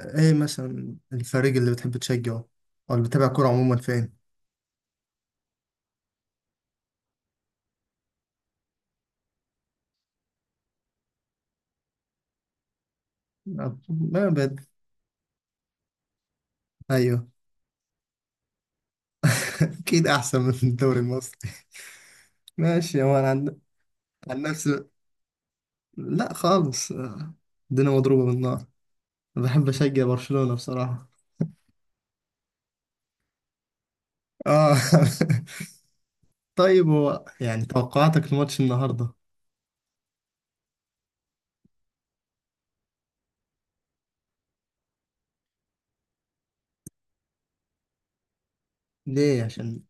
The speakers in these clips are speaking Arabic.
ايه مثلا الفريق اللي بتحب تشجعه او اللي بتابع كورة عموما فين؟ ما بد. ايوه. اكيد احسن من الدوري المصري. ماشي، هو انا عن نفسي. لا خالص، الدنيا مضروبة بالنار. بحب اشجع برشلونة بصراحة. اه. طيب، هو يعني توقعاتك لماتش النهاردة؟ ليه؟ عشان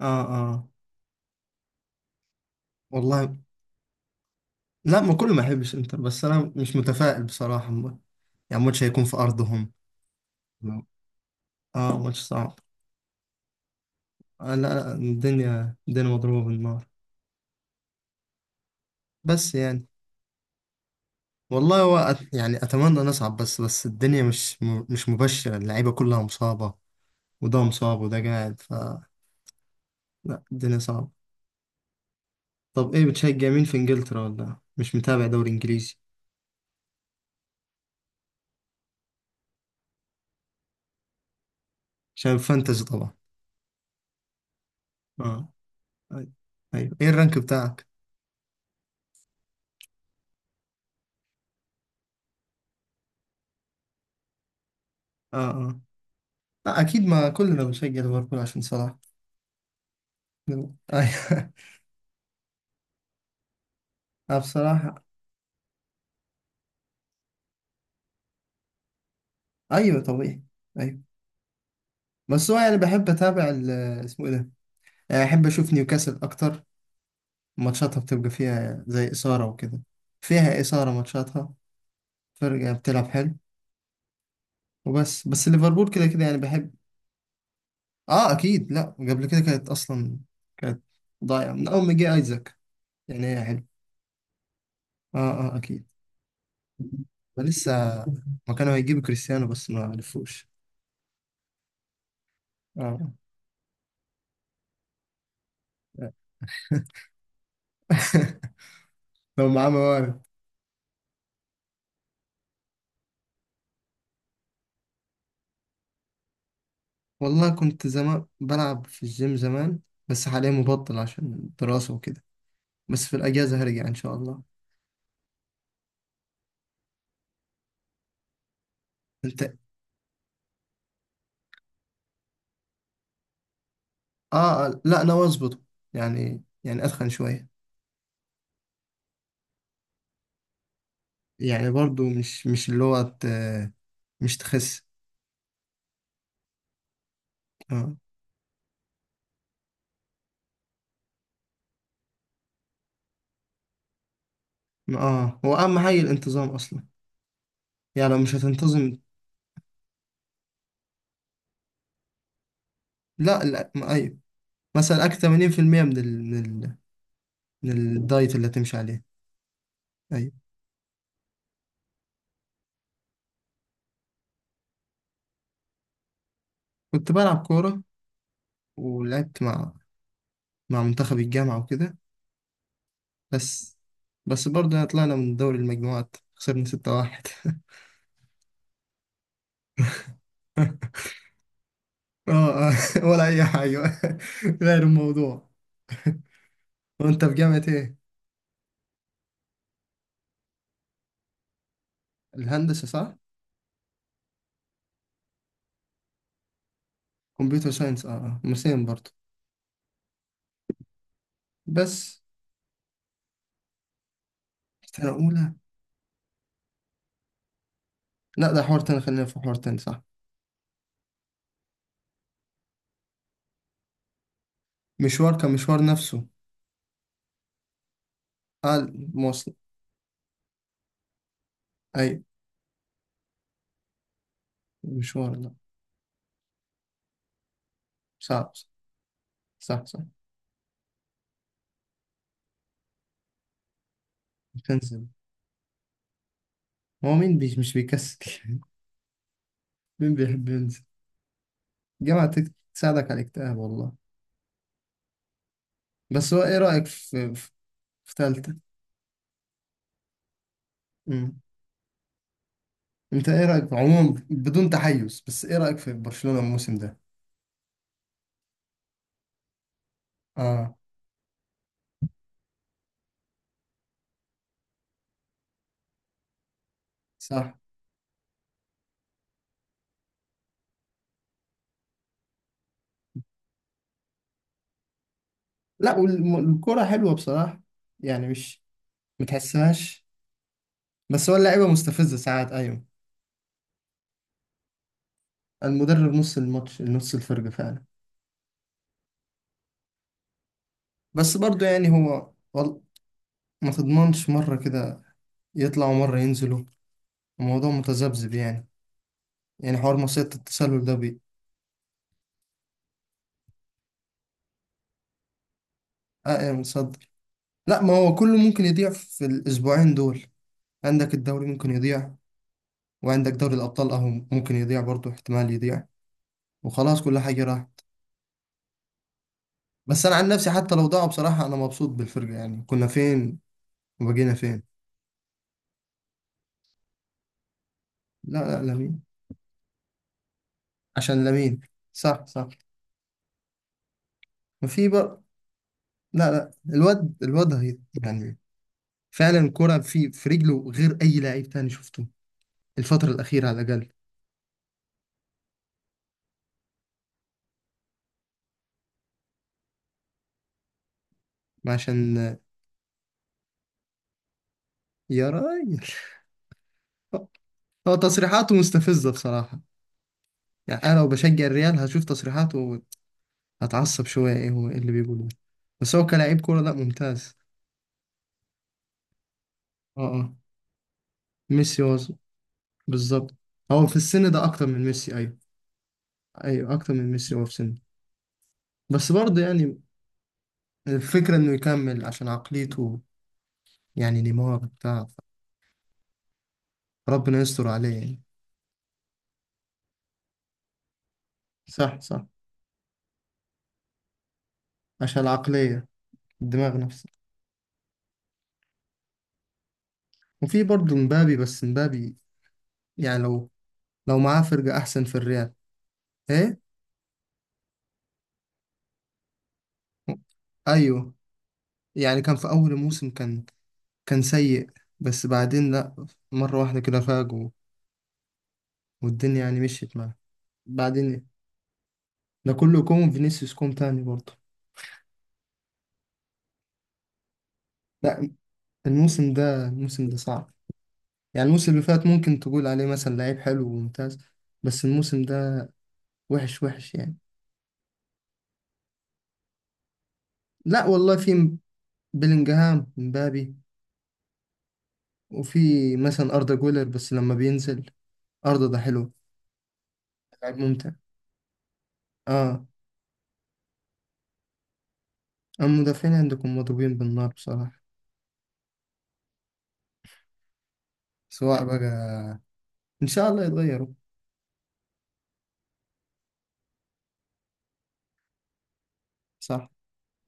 اه اه والله. لا، ما كله ما يحبش انتر، بس انا مش متفائل بصراحة يعني الماتش هيكون في ارضهم. اه، ماتش صعب. آه، لا، الدنيا مضروبة بالنار. بس يعني، والله هو يعني أتمنى نصعد، بس الدنيا مش مبشرة، اللعيبة كلها مصابة، وده مصاب وده قاعد ف. لا الدنيا صعبة. طب إيه، بتشجع مين في إنجلترا، ولا مش متابع دوري إنجليزي؟ عشان فانتزي طبعا. آه. أي- أيوه، إيه الرانك بتاعك؟ آه آه. لا أكيد، ما كلنا بنشجع ليفربول عشان صلاح. أيوه. أنا بصراحة، أيوه طبيعي، أيوه. بس هو يعني بحب أتابع اسمه إيه ده؟ يعني أحب أشوف نيوكاسل أكتر، ماتشاتها بتبقى فيها زي إثارة وكده. فيها إثارة ماتشاتها، فرقة بتلعب حلو. وبس، ليفربول كده كده يعني بحب. آه أكيد، لأ قبل كده كانت أصلا كانت ضايعة من أول ما جه أيزاك. يعني هي حلو. آه آه أكيد. لسه، ما كانوا هيجيبوا كريستيانو بس ما عرفوش. آه. لو معاه موارد. والله كنت زمان بلعب في الجيم زمان، بس حاليا مبطل عشان الدراسة وكده. بس في الأجازة هرجع إن شاء الله. انت. اه، لا انا واظبط، يعني اتخن شويه. يعني برضو مش اللي هو مش تخس. اه اه، هو اهم حاجه الانتظام اصلا، يعني لو مش هتنتظم. لا لا، ايوه، مثلا اكل 80% من ال... من الدايت اللي هتمشي عليه. ايوه. كنت بلعب كوره، ولعبت مع منتخب الجامعه وكده. بس، برضه يعني طلعنا من دوري المجموعات، خسرنا 6-1. اه. آه، ولا اي حاجه. غير الموضوع، وانت في جامعه ايه؟ الهندسة صح؟ كمبيوتر ساينس، مسين برضه. بس سنة أولى. لا ده حوار تاني، خلينا في حوار تاني، صح. مشوار كمشوار نفسه. اه، مواصلة. أي مشوار، لا صعب. صح صح. تنزل، هو مين بي مش بيكسل. مين بيحب ينزل؟ الجامعة تساعدك على الاكتئاب والله. بس هو ايه رأيك في تالتة؟ مم. انت ايه رأيك عموما، بدون تحيز، بس ايه رأيك في برشلونة الموسم ده؟ اه صح. لا والكرة حلوة بصراحة، يعني مش متحسهاش. بس هو اللعيبة مستفزة ساعات، أيوة. المدرب نص الماتش، نص الفرق فعلا. بس برضو يعني هو ما تضمنش مرة كده، يطلعوا مرة ينزلوا، الموضوع متذبذب يعني. يعني حوار مصيدة التسلل ده آه متصدر. لا، ما هو كله ممكن يضيع في الأسبوعين دول، عندك الدوري ممكن يضيع، وعندك دوري الأبطال أهو ممكن يضيع، برضو احتمال يضيع وخلاص كل حاجة راح. بس أنا عن نفسي، حتى لو ضاعوا بصراحة أنا مبسوط بالفرقة، يعني كنا فين وبقينا فين. لا لا، لمين. عشان لامين. صح صح. وفي بقى. لا لا، الواد يعني فعلا كرة في رجله غير اي لعيب تاني شفته الفترة الأخيرة على الأقل. عشان، يا راجل، هو تصريحاته مستفزة بصراحة. يعني أنا لو بشجع الريال، هشوف تصريحاته هتعصب شوية، إيه هو إيه اللي بيقوله ده. بس هو كلاعب كورة لا، ممتاز. اه اه. ميسي هو بالظبط، هو في السن ده أكتر من ميسي، أيوه. أيوه أكتر من ميسي هو في سنه. بس برضه يعني، الفكرة إنه يكمل عشان عقليته. يعني نيمار بتاع، ربنا يستر عليه يعني. صح صح، عشان العقلية، الدماغ نفسه. وفي برضه مبابي، بس مبابي يعني، لو معاه فرقة أحسن في الريال، إيه؟ أيوه، يعني كان في أول الموسم، كان سيء، بس بعدين لأ، مرة واحدة كده فاق، والدنيا يعني مشيت معاه بعدين. ده كله كوم، فينيسيوس كوم تاني برضه. لأ الموسم ده، الموسم ده صعب. يعني الموسم اللي فات ممكن تقول عليه مثلا لعيب حلو وممتاز، بس الموسم ده وحش وحش يعني. لا والله، في بلينجهام، مبابي، وفي مثلا أردا جولر بس لما بينزل، أردا ده حلو، لعيب ممتع. اه. أما المدافعين عندكم مضروبين بالنار بصراحة. سواء بقى، إن شاء الله يتغيروا. صح.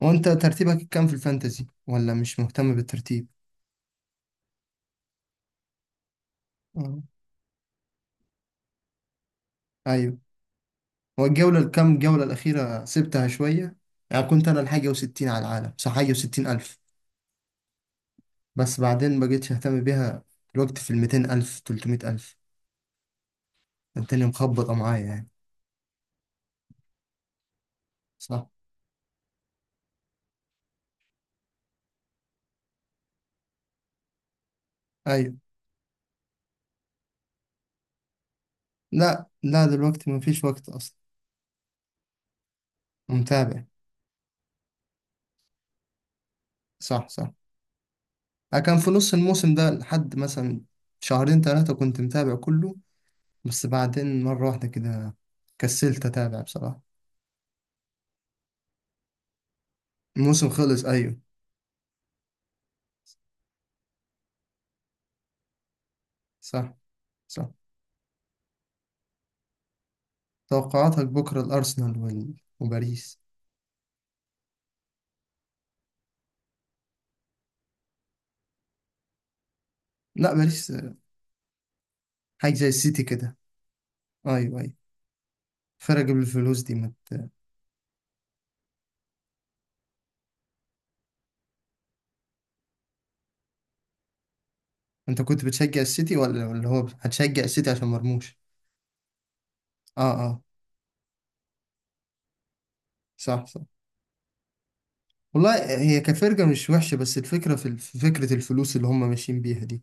وأنت ترتيبك كام في الفانتزي، ولا مش مهتم بالترتيب؟ آه. أيوه، هو الجولة الكام جولة الأخيرة سبتها شوية. يعني كنت أنا الحاجة وستين على العالم، صح، حاجة وستين ألف، بس بعدين بقيتش أهتم بيها. الوقت في الميتين ألف، تلتمية ألف، الدنيا مخبطة معايا يعني. صح، ايوه. لا لا، دلوقتي مفيش وقت اصلا، متابع. صح صح. أنا كان في نص الموسم ده لحد مثلا شهرين ثلاثة كنت متابع كله، بس بعدين مرة واحدة كده كسلت اتابع بصراحة. الموسم خلص ايوه. صح صح. توقعاتك بكرة الارسنال وباريس؟ لا باريس آه، حاجة زي السيتي كده. ايوه ايوه، فرق بالفلوس دي انت كنت بتشجع السيتي، ولا هو هتشجع السيتي عشان مرموش؟ اه اه، صح صح. والله هي كفرقة مش وحشة، بس الفكرة في فكرة الفلوس اللي هم ماشيين بيها دي.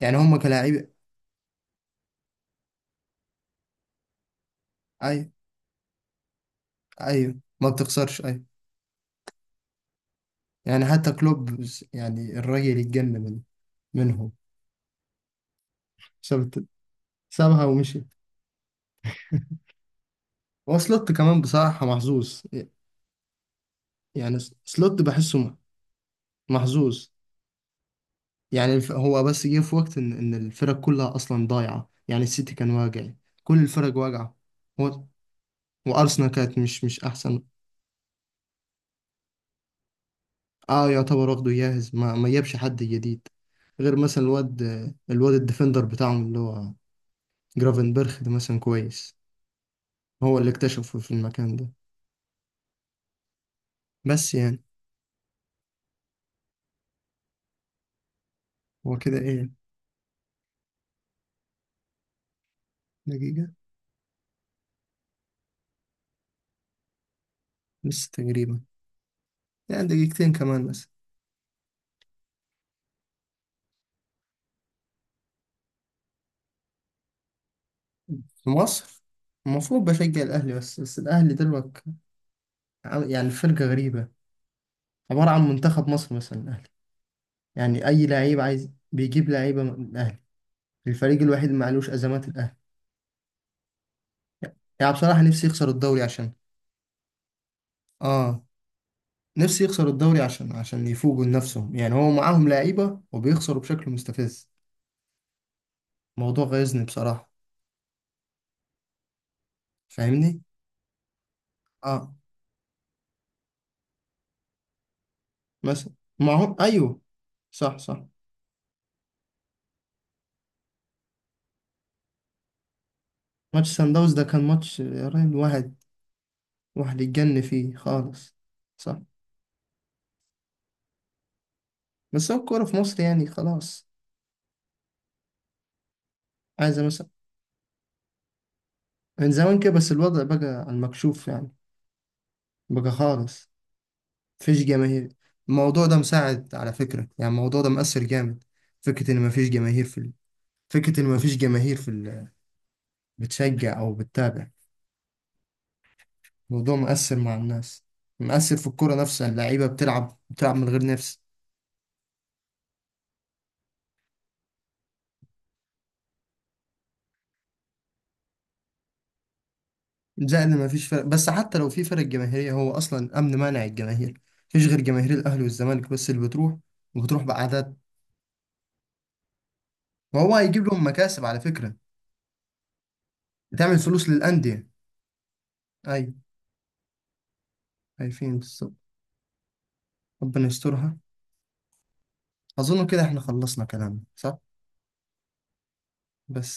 يعني هم كلاعب. أي، أيوة. ما بتخسرش، أيوة. يعني حتى كلوب، يعني الراجل اتجنن منهم. سابت سابها ومشي. هو سلوت كمان بصراحة محظوظ. يعني سلوت بحسه محظوظ. يعني هو بس جه في وقت إن الفرق كلها أصلا ضايعة، يعني السيتي كان واجع، كل الفرق واجعة. هو، وأرسنال كانت مش أحسن. اه، يعتبر واخده جاهز، ما جابش حد جديد غير مثلا الواد، الديفندر بتاعهم اللي هو جرافنبرخ ده مثلا كويس، هو اللي اكتشفه في المكان ده. بس يعني، هو كده ايه، دقيقة لسه تقريبا، يعني دقيقتين كمان مثلا. في مصر، المفروض بشجع الأهلي، بس الأهلي دلوقتي يعني فرقة غريبة، عبارة عن منتخب مصر مثلا الأهلي. يعني أي لعيب عايز بيجيب لعيبة من الأهلي، الفريق الوحيد اللي معلوش أزمات الأهلي. يعني بصراحة نفسي يخسر الدوري عشان، اه، نفسي يخسر الدوري عشان يفوقوا لنفسهم. يعني هو معاهم لعيبة وبيخسروا بشكل مستفز، موضوع غيظني بصراحة. فاهمني، اه، مثلا معهم، ايوه. صح صح. ماتش سان داونز ده كان ماتش يا راجل، واحد يتجن فيه خالص. صح. بس هو الكورة في مصر يعني خلاص. عايزة مثلا، من زمان كده، بس الوضع بقى على المكشوف يعني، بقى خالص، مفيش جماهير. الموضوع ده مساعد على فكرة، يعني الموضوع ده مؤثر جامد، فكرة إن مفيش جماهير في ال... فكرة إن مفيش جماهير في ال... بتشجع او بتتابع. الموضوع مؤثر مع الناس، مؤثر في الكرة نفسها، اللعيبة بتلعب من غير نفس. زائد ان مفيش فرق، بس حتى لو في فرق جماهيرية هو اصلا امن مانع الجماهير. مفيش غير جماهير الاهلي والزمالك بس اللي بتروح، وبتروح باعداد، وهو هيجيب لهم مكاسب على فكرة، بتعمل فلوس للاندية. ايوه، عارفين بالظبط. ربنا يسترها. اظن كده احنا خلصنا كلامنا، صح؟ بس.